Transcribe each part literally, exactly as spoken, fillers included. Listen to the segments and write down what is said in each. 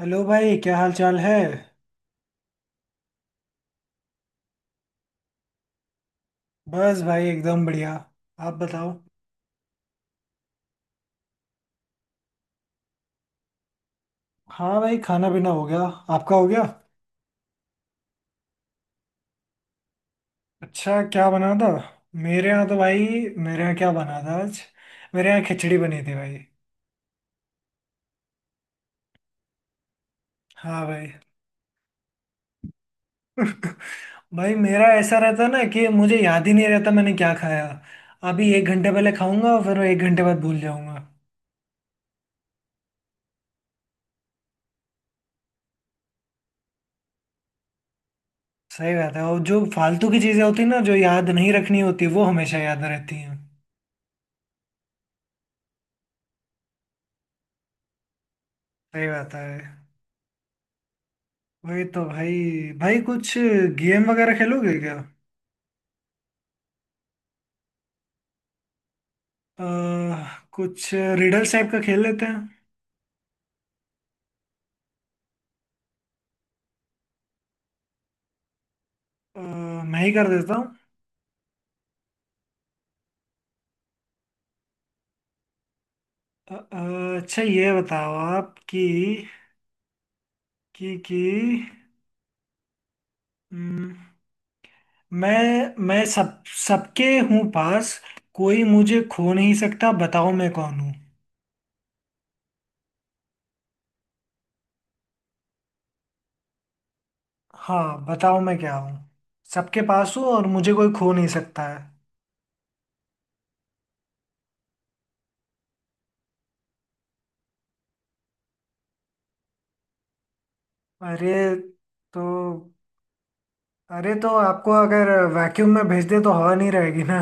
Hello भाई क्या हाल चाल है। बस भाई एकदम बढ़िया। आप बताओ। हाँ भाई खाना पीना हो गया। आपका हो गया? अच्छा क्या बना था? मेरे यहाँ तो भाई, मेरे यहाँ क्या बना था आज, मेरे यहाँ खिचड़ी बनी थी भाई। हाँ भाई। भाई मेरा ऐसा रहता ना कि मुझे याद ही नहीं रहता मैंने क्या खाया। अभी एक घंटे पहले खाऊंगा और फिर एक घंटे बाद भूल जाऊंगा। सही बात है, और जो फालतू की चीज़ें होती हैं ना जो याद नहीं रखनी होती वो हमेशा याद रहती हैं। सही बात है। वही तो भाई। भाई कुछ गेम वगैरह खेलोगे क्या? अ, कुछ रिडल्स टाइप का खेल लेते हैं। अ, मैं ही कर देता हूँ। अ, अ, अच्छा ये बताओ आप कि कि कि हम्म, मैं मैं सब, सबके हूँ पास, कोई मुझे खो नहीं सकता, बताओ मैं कौन हूँ। हाँ बताओ मैं क्या हूँ। सबके पास हूँ और मुझे कोई खो नहीं सकता है। अरे तो, अरे तो आपको अगर वैक्यूम में भेज दे तो हवा नहीं रहेगी ना।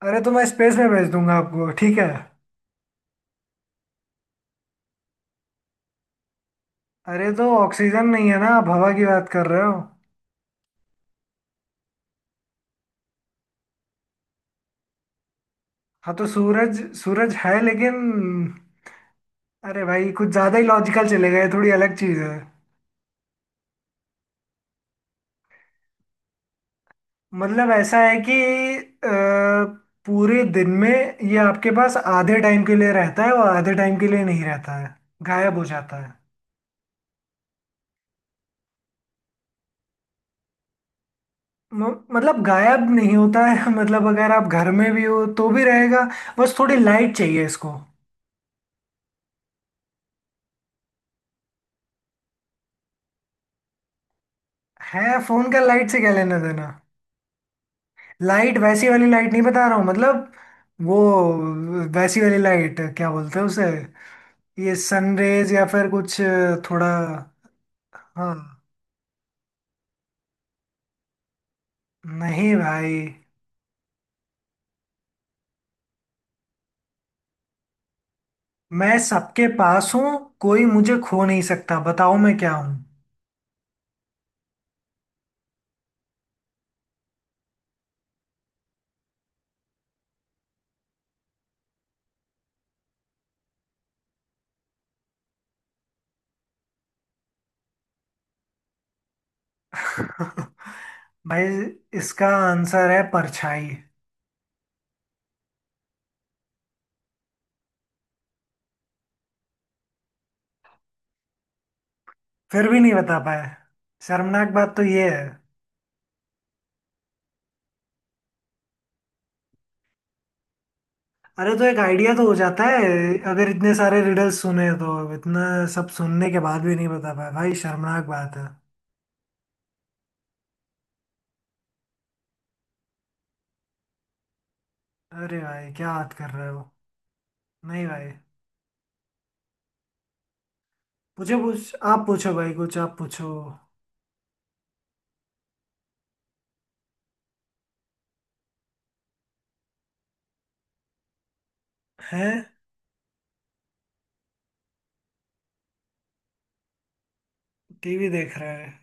अरे तो मैं स्पेस में भेज दूंगा आपको ठीक है। अरे तो ऑक्सीजन नहीं है ना, आप हवा की बात कर रहे हो। हाँ तो सूरज सूरज है लेकिन, अरे भाई कुछ ज़्यादा ही लॉजिकल चले गए, थोड़ी अलग चीज़ है। मतलब ऐसा है कि अ, पूरे दिन में ये आपके पास आधे टाइम के लिए रहता है और आधे टाइम के लिए नहीं रहता है, गायब हो जाता है। म- मतलब गायब नहीं होता है। मतलब अगर आप घर में भी हो तो भी रहेगा, बस थोड़ी लाइट चाहिए इसको। है फोन का लाइट से क्या लेना देना। लाइट, वैसी वाली लाइट नहीं बता रहा हूँ, मतलब वो वैसी वाली लाइट क्या बोलते हैं उसे, ये सनरेज या फिर कुछ। थोड़ा। हाँ। नहीं भाई। मैं सबके पास हूँ, कोई मुझे खो नहीं सकता, बताओ मैं क्या हूँ। भाई इसका आंसर है परछाई। फिर भी नहीं बता पाए, शर्मनाक बात तो ये है। अरे तो एक आइडिया तो हो जाता है, अगर इतने सारे रिडल्स सुने तो इतना सब सुनने के बाद भी नहीं बता पाए भाई, शर्मनाक बात है। अरे भाई क्या बात कर रहे हो। नहीं भाई। मुझे पूछ आप पूछो भाई, कुछ आप पूछो। हैं। टीवी देख रहे हैं?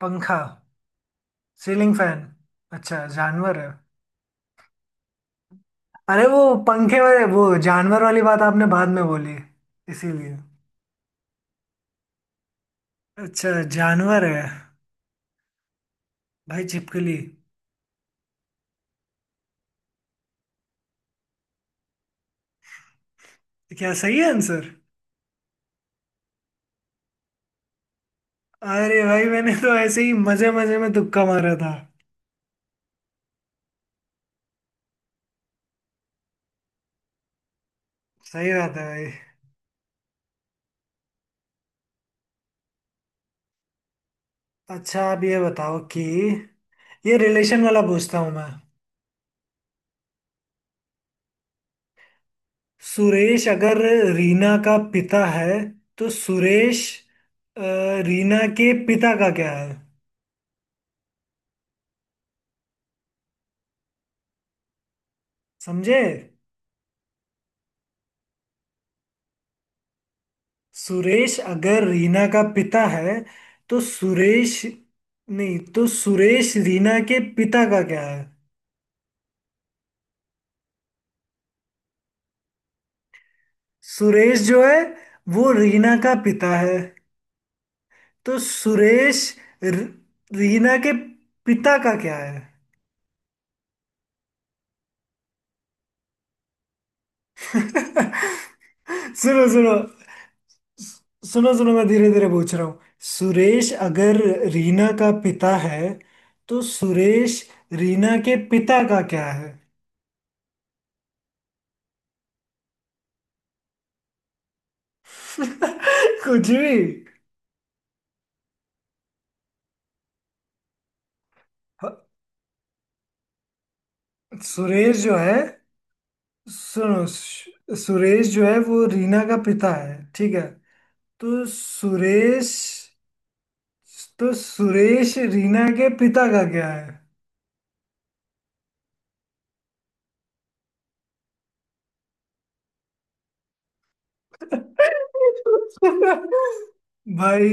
पंखा। Ceiling fan. अच्छा जानवर है? अरे वो पंखे वाले, वो जानवर वाली बात आपने बाद में बोली, इसीलिए। अच्छा जानवर है। भाई छिपकली। क्या सही है आंसर? अरे भाई मैंने तो ऐसे ही मजे मजे में तुक्का मारा था। सही बात है भाई। अच्छा आप ये बताओ कि, ये रिलेशन वाला पूछता हूँ मैं। सुरेश अगर रीना का पिता है, तो सुरेश अ, रीना के पिता का क्या है। समझे? सुरेश अगर रीना का पिता है, तो सुरेश, नहीं, तो सुरेश रीना के पिता का क्या है। सुरेश जो है वो रीना का पिता है, तो सुरेश, र- रीना के पिता का क्या है। सुनो सुनो सुनो सुनो, मैं धीरे धीरे पूछ रहा हूँ। सुरेश अगर रीना का पिता है, तो सुरेश रीना के पिता का क्या है। कुछ भी। ह- सुरेश जो है, सुनो, सु- सुरेश जो है वो रीना का पिता है ठीक है, तो सुरेश, तो सुरेश रीना के पिता का क्या है। भाई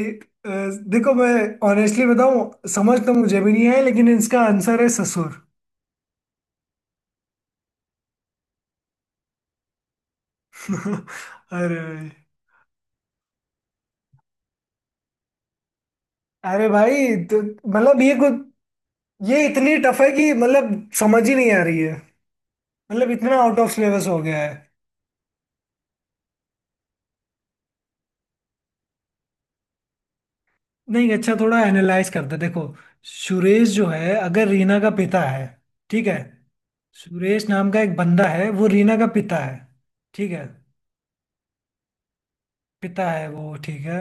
अ, देखो मैं ऑनेस्टली बताऊं समझ तो मुझे भी नहीं है, लेकिन इसका आंसर है ससुर। अरे। अरे भाई तो मतलब ये कुछ, ये इतनी टफ है कि मतलब समझ ही नहीं आ रही है, मतलब इतना आउट ऑफ सिलेबस हो गया है। नहीं अच्छा थोड़ा एनालाइज करते हैं। देखो सुरेश जो है अगर रीना का पिता है, ठीक है, सुरेश नाम का एक बंदा है वो रीना का पिता है ठीक है, पिता है वो ठीक है,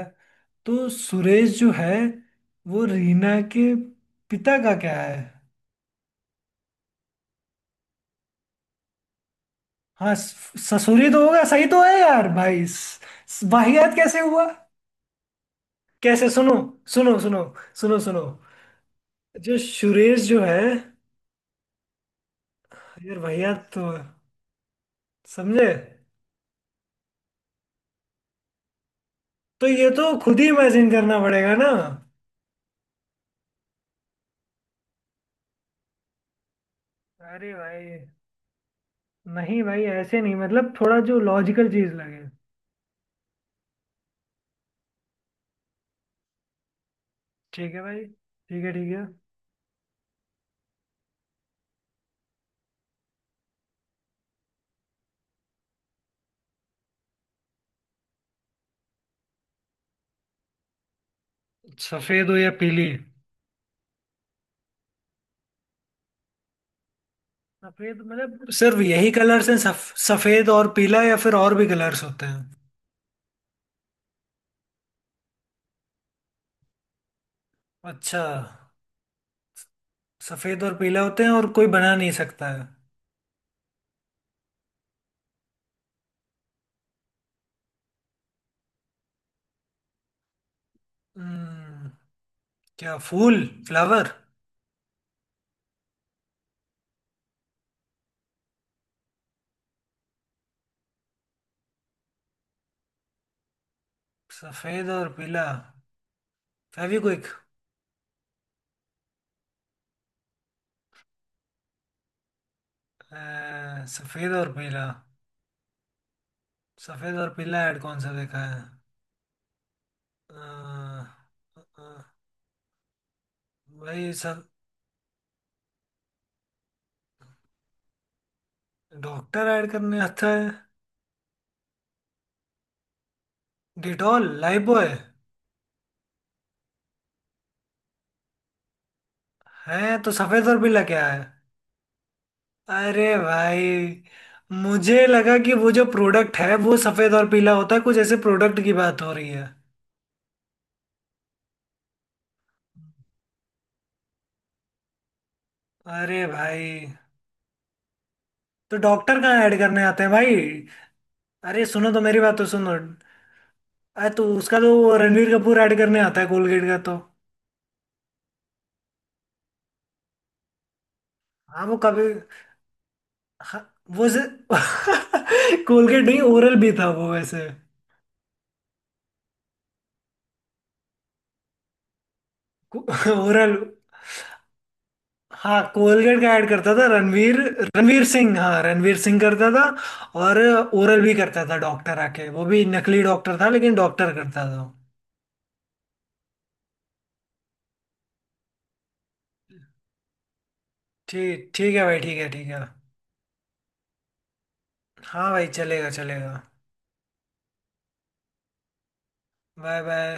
तो सुरेश जो है वो रीना के पिता का क्या है। हाँ स- ससुरी तो होगा, सही तो है यार भाई, स- स- वाहियात कैसे हुआ। कैसे सुनो, सुनो सुनो सुनो सुनो जो सुरेश जो है, यार वाहियात तो है, समझे। तो ये तो खुद ही इमेजिन करना पड़ेगा ना। अरे भाई। नहीं भाई ऐसे नहीं, मतलब थोड़ा जो लॉजिकल चीज लगे। ठीक है भाई ठीक है ठीक है। सफेद हो या पीली? सफेद मतलब सिर्फ यही कलर्स हैं, सफ, सफेद और पीला, या फिर और भी कलर्स होते हैं? अच्छा। सफेद और पीला होते हैं और कोई बना नहीं सकता है। हम्म, क्या फूल, फ्लावर? सफेद और पीला, फेविक्विक। अ, सफेद और पीला। सफेद और पीला ऐड कौन सा देखा है? अ, अ, भाई सब। डॉक्टर ऐड करने आता है? Dettol, Lifebuoy? है, तो सफेद और पीला क्या है। अरे भाई मुझे लगा कि वो जो प्रोडक्ट है वो सफेद और पीला होता है, कुछ ऐसे प्रोडक्ट की बात हो रही है। अरे भाई तो डॉक्टर कहाँ ऐड करने आते हैं भाई। अरे सुनो तो मेरी बात तो सुनो। अरे तो उसका तो वो रणवीर कपूर ऐड करने आता है कोलगेट का तो। हाँ वो कभी, हाँ, वो से कोलगेट नहीं, ओरल भी था वो वैसे। ओरल। हाँ कोलगेट का ऐड करता था रणवीर। रणवीर सिंह, हाँ रणवीर सिंह करता था, और ओरल भी करता था, डॉक्टर आके, वो भी नकली डॉक्टर था लेकिन डॉक्टर करता था। ठीक, ठीक है भाई ठीक है ठीक है। हाँ भाई चलेगा चलेगा। Bye bye.